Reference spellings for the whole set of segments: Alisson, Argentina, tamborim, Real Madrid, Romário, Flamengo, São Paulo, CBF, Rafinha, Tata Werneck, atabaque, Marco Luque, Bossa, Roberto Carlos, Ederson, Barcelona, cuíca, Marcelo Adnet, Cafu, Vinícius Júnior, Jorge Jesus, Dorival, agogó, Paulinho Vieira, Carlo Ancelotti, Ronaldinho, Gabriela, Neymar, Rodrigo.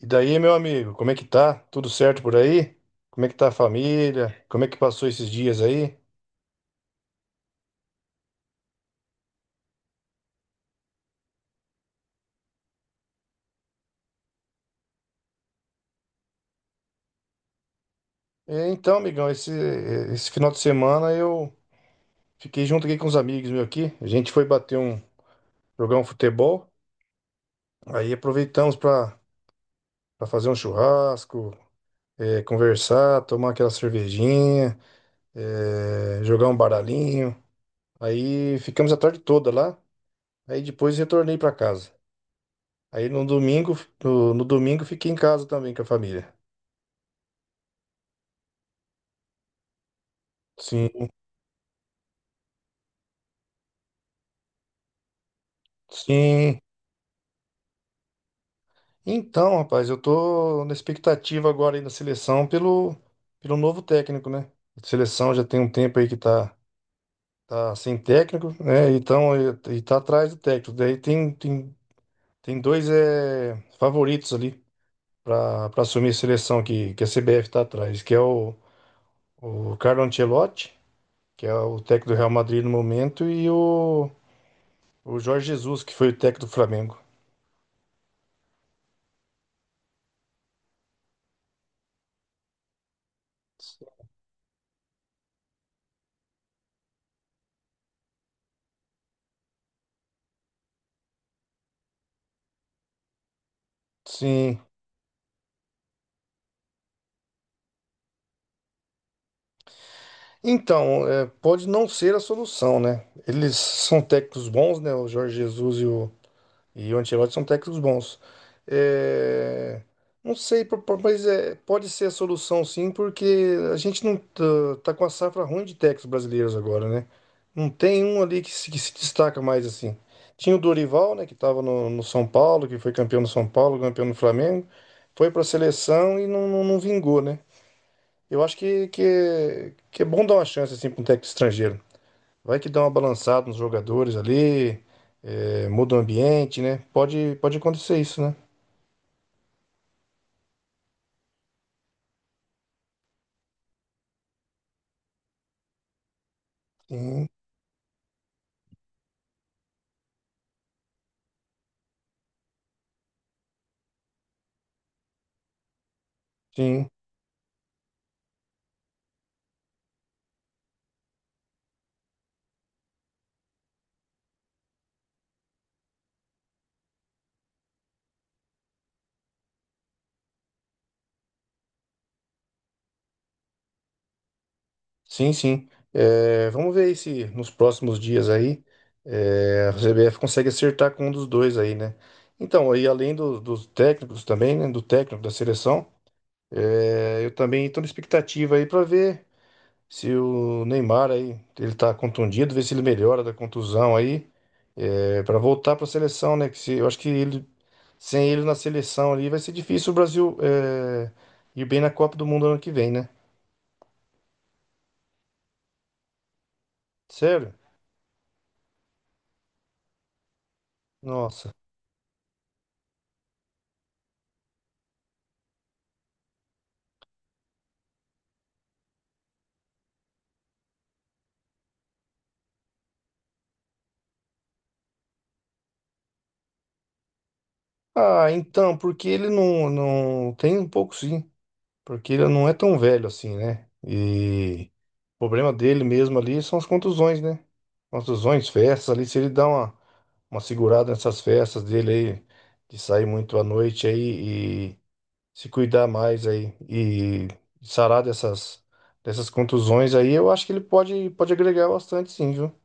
E daí, meu amigo, como é que tá? Tudo certo por aí? Como é que tá a família? Como é que passou esses dias aí? É, então, amigão, esse final de semana eu fiquei junto aqui com os amigos meus aqui. A gente foi jogar um futebol. Aí aproveitamos para fazer um churrasco, conversar, tomar aquela cervejinha, jogar um baralhinho. Aí ficamos a tarde toda lá. Aí depois retornei para casa. Aí no domingo, no domingo fiquei em casa também com a família. Sim. Sim. Então, rapaz, eu tô na expectativa agora aí da seleção pelo novo técnico, né? A seleção já tem um tempo aí que tá sem técnico, né? Então, e tá atrás do técnico. Daí tem dois favoritos ali para assumir a seleção que a CBF tá atrás, que é o Carlo Ancelotti, que é o técnico do Real Madrid no momento, e o Jorge Jesus, que foi o técnico do Flamengo. Sim. Então, pode não ser a solução, né? Eles são técnicos bons, né? O Jorge Jesus e o Ancelotti são técnicos bons. É, não sei, mas pode ser a solução sim, porque a gente não tá com a safra ruim de técnicos brasileiros agora, né? Não tem um ali que se destaca mais assim. Tinha o Dorival, né? Que estava no São Paulo, que foi campeão no São Paulo, campeão no Flamengo, foi para a seleção e não vingou, né? Eu acho que é bom dar uma chance assim para um técnico estrangeiro. Vai que dá uma balançada nos jogadores ali, muda o ambiente, né? Pode acontecer isso, né? Sim, sim, sim, sim. É, vamos ver aí se nos próximos dias aí a CBF consegue acertar com um dos dois aí, né? Então, aí além dos técnicos também, né? Do técnico da seleção, eu também estou na expectativa aí para ver. Se o Neymar aí, ele tá contundido, ver se ele melhora da contusão aí, para voltar para a seleção, né? Que se, Eu acho que sem ele na seleção ali vai ser difícil o Brasil ir bem na Copa do Mundo ano que vem, né? Sério? Nossa. Ah, então, porque ele não tem um pouco sim, porque ele não é tão velho assim, né? E o problema dele mesmo ali são as contusões, né? Contusões, festas ali, se ele dá uma segurada nessas festas dele aí, de sair muito à noite aí e se cuidar mais aí e sarar dessas contusões aí, eu acho que ele pode agregar bastante sim, viu?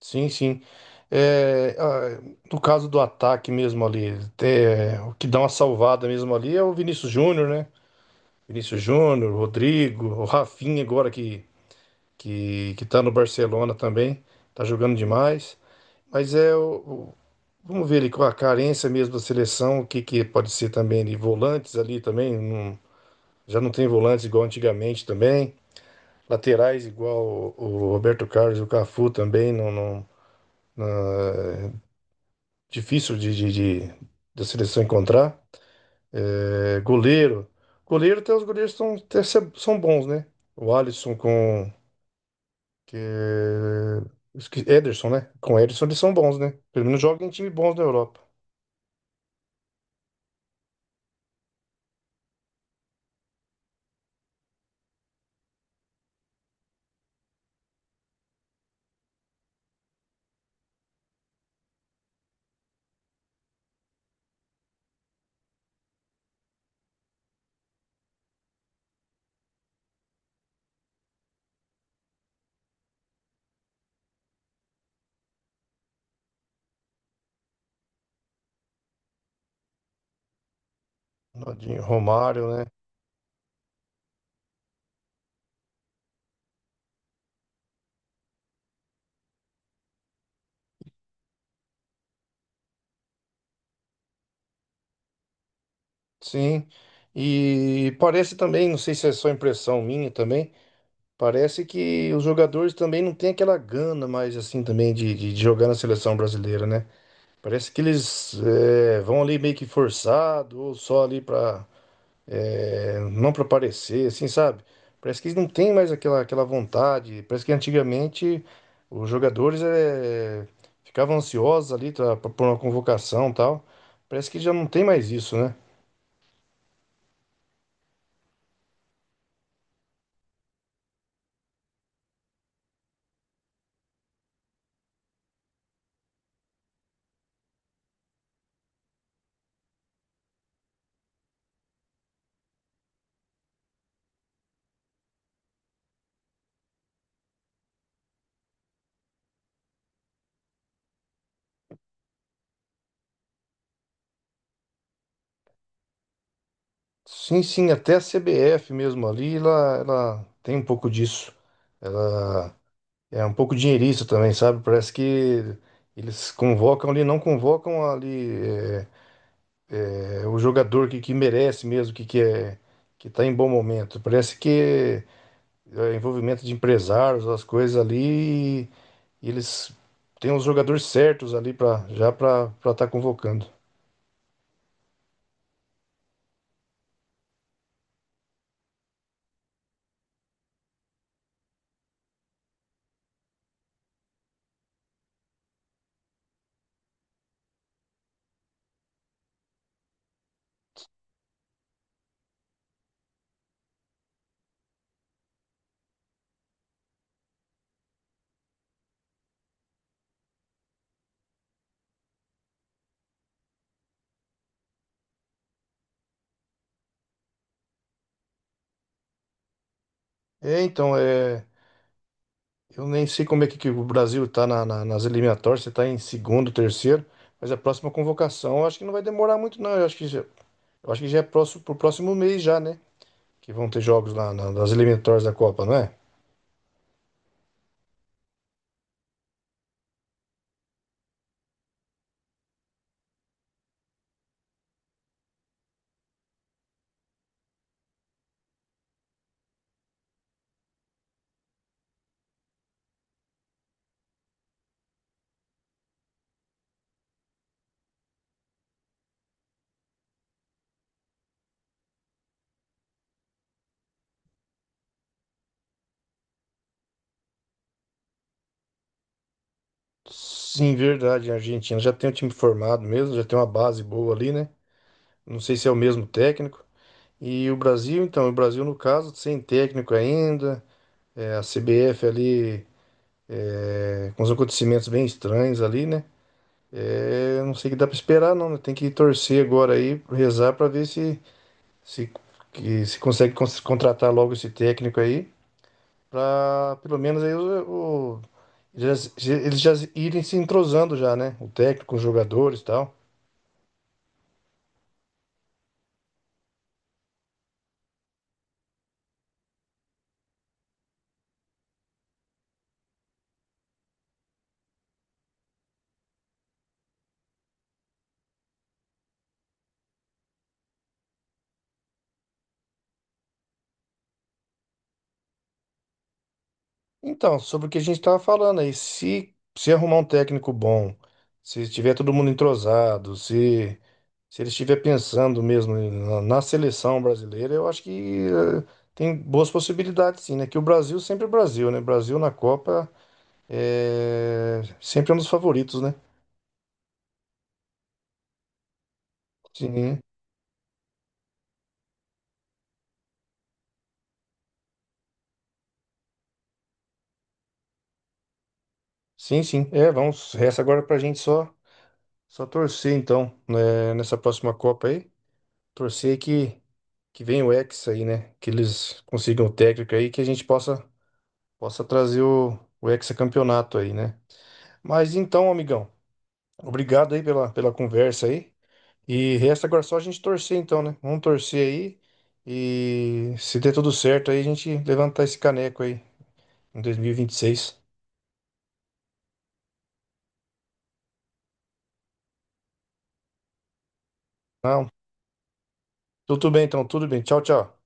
Sim, sim. É, ah, no caso do ataque mesmo ali, o que dá uma salvada mesmo ali é o Vinícius Júnior, né? Vinícius Júnior, Rodrigo, o Rafinha agora que tá no Barcelona também, tá jogando demais. Mas vamos ver ali com a carência mesmo da seleção, o que pode ser também de volantes ali também, já não tem volantes igual antigamente também, laterais igual o Roberto Carlos e o Cafu também, difícil de- da seleção encontrar. É, goleiro até os goleiros são, até se- são bons, né? O Alisson com que é, esque- Ederson, né? Com Ederson eles são bons, né? Pelo menos jogam em time bons da Europa. Ronaldinho, Romário, né? Sim, e parece também, não sei se é só impressão minha também, parece que os jogadores também não têm aquela gana mais assim também de jogar na seleção brasileira, né? Parece que eles vão ali meio que forçado ou só ali pra não para parecer, assim, sabe? Parece que eles não têm mais aquela vontade, parece que antigamente os jogadores ficavam ansiosos ali tá, por uma convocação e tal, parece que já não tem mais isso, né? Sim, sim, até a CBF mesmo ali, ela tem um pouco disso. Ela é um pouco dinheirista também, sabe? Parece que eles convocam ali, não convocam ali o jogador que merece mesmo, que é que tá em bom momento. Parece que é envolvimento de empresários, as coisas ali, e eles têm os jogadores certos ali para já para estar convocando. É, então, é. Eu nem sei como é que o Brasil tá nas eliminatórias, se tá em segundo, terceiro, mas a próxima convocação eu acho que não vai demorar muito, não. Eu acho que já é próximo, pro próximo mês já, né? Que vão ter jogos lá nas eliminatórias da Copa, não é? Sim, verdade, a Argentina já tem um time formado mesmo, já tem uma base boa ali, né? Não sei se é o mesmo técnico. E o Brasil, no caso, sem técnico ainda, a CBF ali, com os acontecimentos bem estranhos ali, né? É, não sei o que dá pra esperar, não, né? Tem que torcer agora aí, rezar pra ver se, se consegue contratar logo esse técnico aí, pra pelo menos aí eles já irem se entrosando já, né? O técnico, os jogadores e tal. Então, sobre o que a gente estava falando aí, se arrumar um técnico bom, se estiver todo mundo entrosado, se ele estiver pensando mesmo na seleção brasileira, eu acho que tem boas possibilidades sim, né? Que o Brasil sempre é o Brasil, né? Brasil na Copa é sempre um dos favoritos, né? Sim, sim, sim. É, resta agora pra gente só torcer então, né, nessa próxima Copa aí. Torcer que venha o Hexa aí, né? Que eles consigam o técnico aí, que a gente possa trazer o hexacampeonato aí, né? Mas então, amigão, obrigado aí pela conversa aí. E resta agora só a gente torcer então, né? Vamos torcer aí. E se der tudo certo aí, a gente levantar esse caneco aí em dois mil e vinte e seis. Não, tudo bem então, tudo bem. Tchau, tchau.